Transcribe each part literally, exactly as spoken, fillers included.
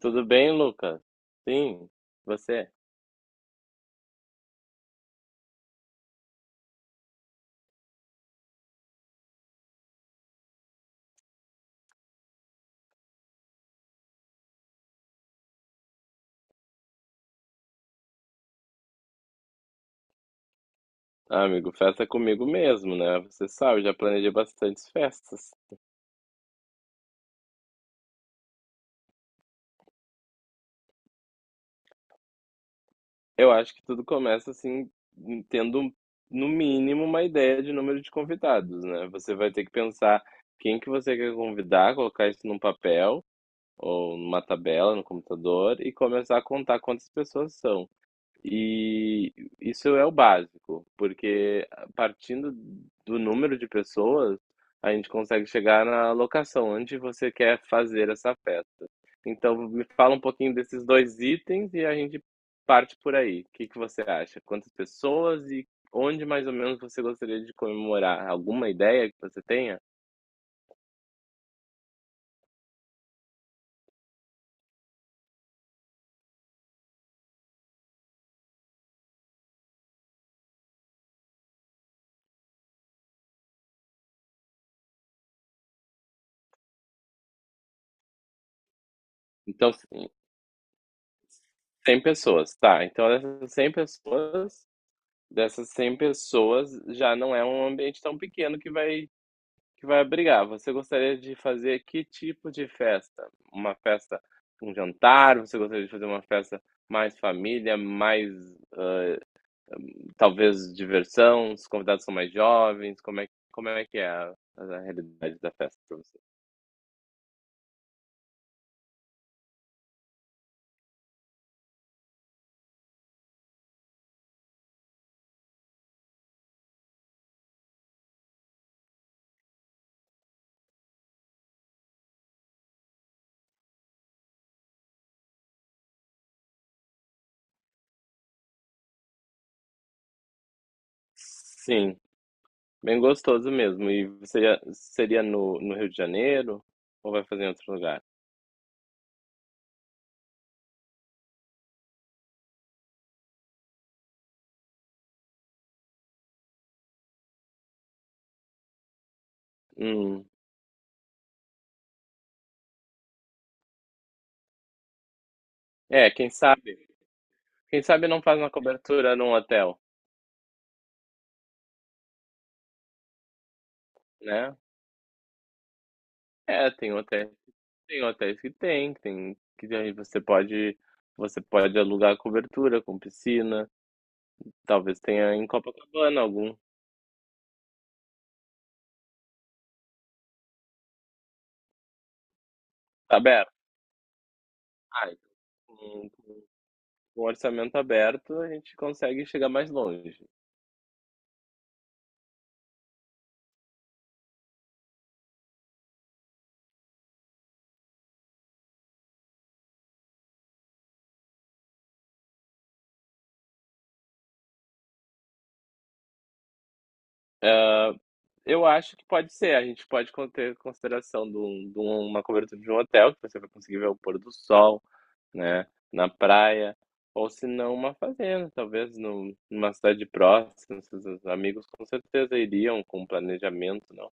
Tudo bem, Lucas? Sim, você? Ah, amigo, festa é comigo mesmo, né? Você sabe, já planejei bastantes festas. Eu acho que tudo começa assim, tendo no mínimo uma ideia de número de convidados, né? Você vai ter que pensar quem que você quer convidar, colocar isso num papel ou numa tabela no computador e começar a contar quantas pessoas são. E isso é o básico, porque partindo do número de pessoas, a gente consegue chegar na locação onde você quer fazer essa festa. Então, me fala um pouquinho desses dois itens e a gente parte por aí. O que que você acha? Quantas pessoas e onde mais ou menos você gostaria de comemorar? Alguma ideia que você tenha? Então, cem pessoas, tá. Então, dessas cem pessoas, dessas cem pessoas, já não é um ambiente tão pequeno que vai que vai abrigar. Você gostaria de fazer que tipo de festa? Uma festa, um jantar? Você gostaria de fazer uma festa mais família, mais talvez diversão? Os convidados são mais jovens? Como é, como é que é a, a realidade da festa para você? Sim, bem gostoso mesmo. E seria, seria no, no Rio de Janeiro ou vai fazer em outro lugar? Hum. É, quem sabe? Quem sabe não faz uma cobertura num hotel, né? É. tem hotéis Tem hotéis que tem, que tem que aí você pode você pode alugar cobertura com piscina, talvez tenha em Copacabana algum. Tá aberto? Ah, então com com com o orçamento aberto, a gente consegue chegar mais longe. Eu acho que pode ser, a gente pode con ter consideração de um de um- uma cobertura de um hotel, que você vai conseguir ver o pôr do sol, né, na praia, ou se não uma fazenda, talvez num numa cidade próxima, seus amigos com certeza iriam com planejamento, né.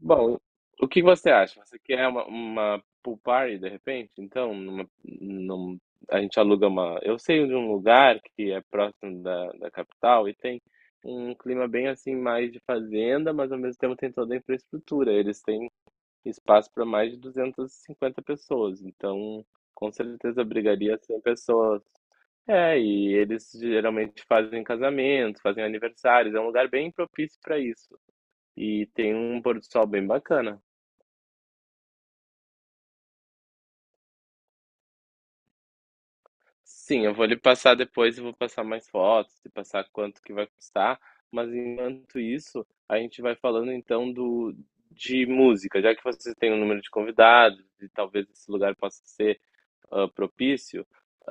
Bom, o que você acha? Você quer uma, uma pool party de repente? Então, numa, num- a gente aluga uma. Eu sei de um lugar que é próximo da, da capital e tem um clima bem assim, mais de fazenda, mas ao mesmo tempo tem toda a infraestrutura. Eles têm espaço para mais de duzentas e cinquenta pessoas, então com certeza abrigaria cem pessoas. É, e eles geralmente fazem casamentos, fazem aniversários, é um lugar bem propício para isso. E tem um pôr do sol bem bacana. Sim, eu vou lhe passar depois e vou passar mais fotos e passar quanto que vai custar. Mas enquanto isso, a gente vai falando então do de música, já que você tem um número de convidados e talvez esse lugar possa ser ah, propício.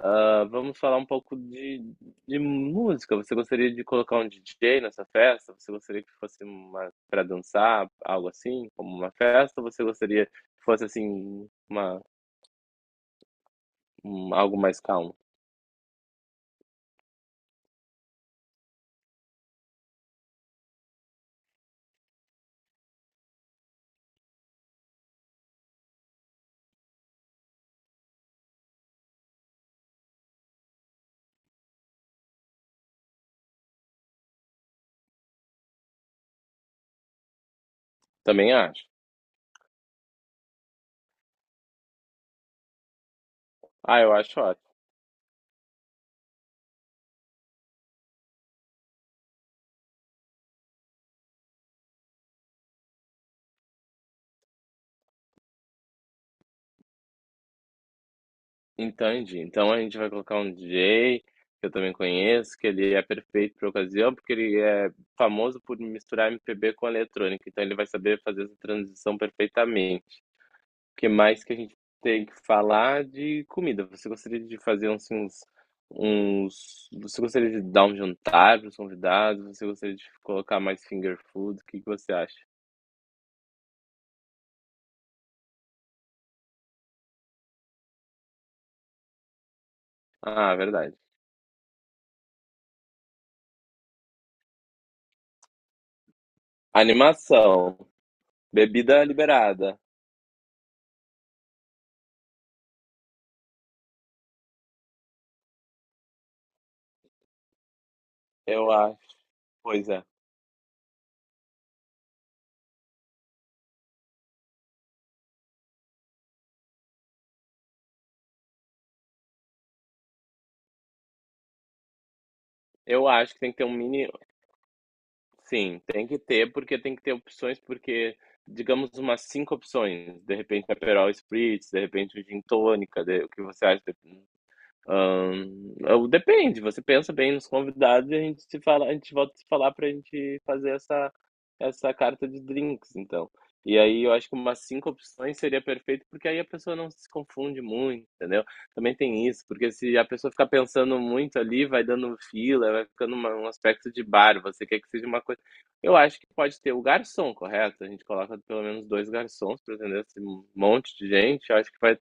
ah, vamos falar um pouco de, de música. Você gostaria de colocar um D J nessa festa? Você gostaria que fosse uma para dançar, algo assim, como uma festa? Ou você gostaria que fosse assim uma, um- algo mais calmo? Também acho. Ah, eu acho ótimo. Entende Então a gente vai colocar um D J que eu também conheço, que ele é perfeito para ocasião, porque ele é famoso por misturar M P B com eletrônica, então ele vai saber fazer essa transição perfeitamente. O que mais que a gente tem que falar de comida? Você gostaria de fazer uns, uns, uns- Você gostaria de dar um jantar para os convidados? Você gostaria de colocar mais finger food? O que que você acha? Ah, verdade. Animação, bebida liberada. Eu acho, pois é. Eu acho que tem que ter um mini Sim, tem que ter, porque tem que ter opções, porque, digamos, umas cinco opções. De repente, um Aperol Spritz, de repente, um gin tônica, de, o que você acha? Hã, ou depende, você pensa bem nos convidados e a gente se fala, a gente volta a se falar pra gente fazer essa essa carta de drinks, então. E aí eu acho que umas cinco opções seria perfeito, porque aí a pessoa não se confunde muito, entendeu. Também tem isso, porque se a pessoa ficar pensando muito ali, vai dando fila, vai ficando uma um aspecto de bar, você quer que seja uma coisa eu acho que pode ter o garçom, correto? A gente coloca pelo menos dois garçons para atender esse monte de gente, eu acho que vai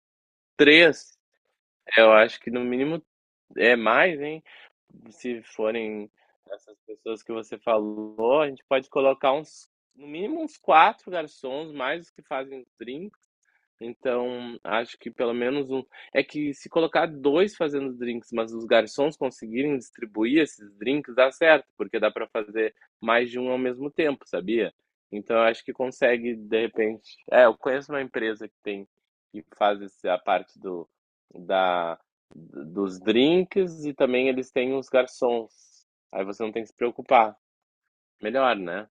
três, eu acho que no mínimo é mais, hein. Se forem essas pessoas que você falou, a gente pode colocar uns no mínimo uns quatro garçons, mais os que fazem os drinks, então acho que pelo menos um é que se colocar dois fazendo os drinks, mas os garçons conseguirem distribuir esses drinks, dá certo, porque dá para fazer mais de um ao mesmo tempo, sabia. Então eu acho que consegue, de repente é, eu conheço uma empresa que tem que faz esse a parte do da dos drinks e também eles têm os garçons. Aí você não tem que se preocupar. Melhor, né?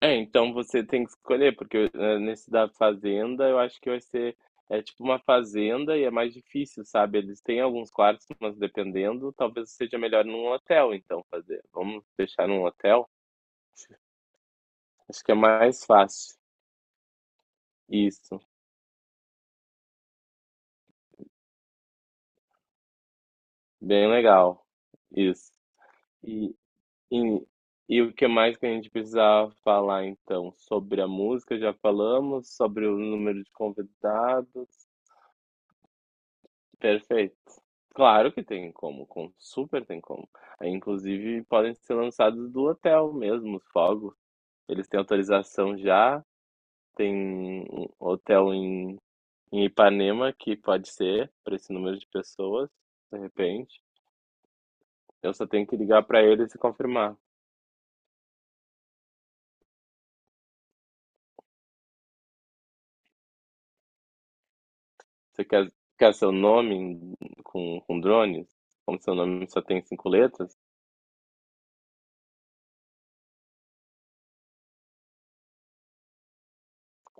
É, então você tem que escolher, porque eh, nesse da fazenda eu acho que vai ser é tipo uma fazenda e é mais difícil, sabe? Eles têm alguns quartos, mas dependendo, talvez seja melhor num hotel, então fazer. Vamos deixar num hotel? Acho que é mais fácil. Isso, bem legal. Isso. E, e o que mais que a gente precisava falar então? Sobre a música, já falamos, sobre o número de convidados. Perfeito. Claro que tem como, com, super tem como. Aí, inclusive, podem ser lançados do hotel mesmo, os fogos. Eles têm autorização já, tem um hotel em, em Ipanema que pode ser para esse número de pessoas, de repente. Eu só tenho que ligar para eles e confirmar. Você quer, quer seu nome em- com, com drones? Como seu nome só tem cinco letras?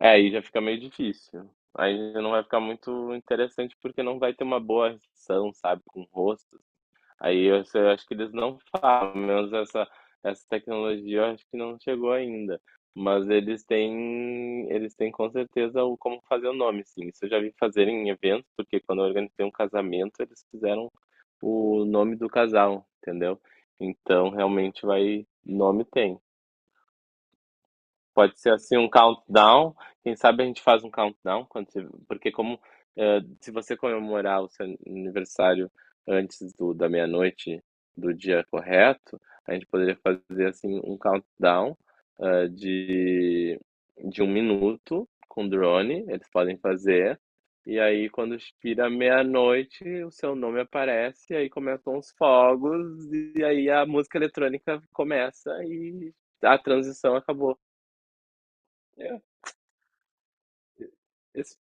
É, aí já fica meio difícil. Aí não vai ficar muito interessante porque não vai ter uma boa ação, sabe, com o rosto. Aí eu, eu acho que eles não falam, pelo menos essa, essa tecnologia eu acho que não chegou ainda. Mas eles têm, eles têm com certeza o como fazer o nome, sim. Isso eu já vi fazer em eventos, porque quando eu organizei um casamento, eles fizeram o nome do casal, entendeu? Então realmente vai, nome tem. Pode ser assim um countdown. Quem sabe a gente faz um countdown quando você- porque como eh, se você comemorar o seu aniversário antes do, da meia-noite do dia correto, a gente poderia fazer assim um countdown eh, de de um minuto com drone. Eles podem fazer. E aí, quando expira meia-noite, o seu nome aparece, e aí começam os fogos, e aí a música eletrônica começa e a transição acabou. É, Ex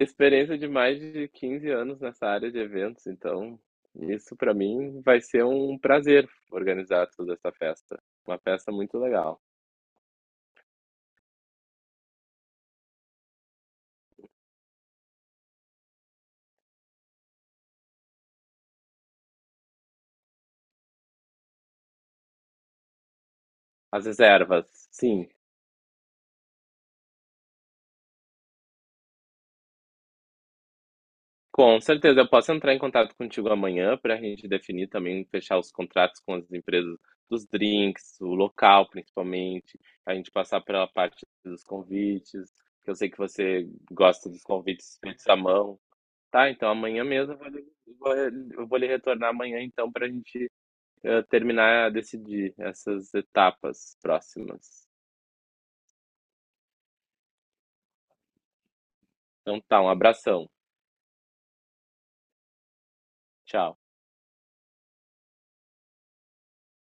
experiência de mais de quinze anos nessa área de eventos, então isso para mim vai ser um prazer organizar toda essa festa. Uma festa muito legal. As reservas, sim, com certeza. Eu posso entrar em contato contigo amanhã para a gente definir também, fechar os contratos com as empresas dos drinks, o local principalmente, a gente passar pela parte dos convites, que eu sei que você gosta dos convites feitos à mão. Tá, então amanhã mesmo eu vou lhe, vou eu vou lhe retornar amanhã, então, para a gente eh, terminar a decidir essas etapas próximas. Então tá, um abração. Tchau.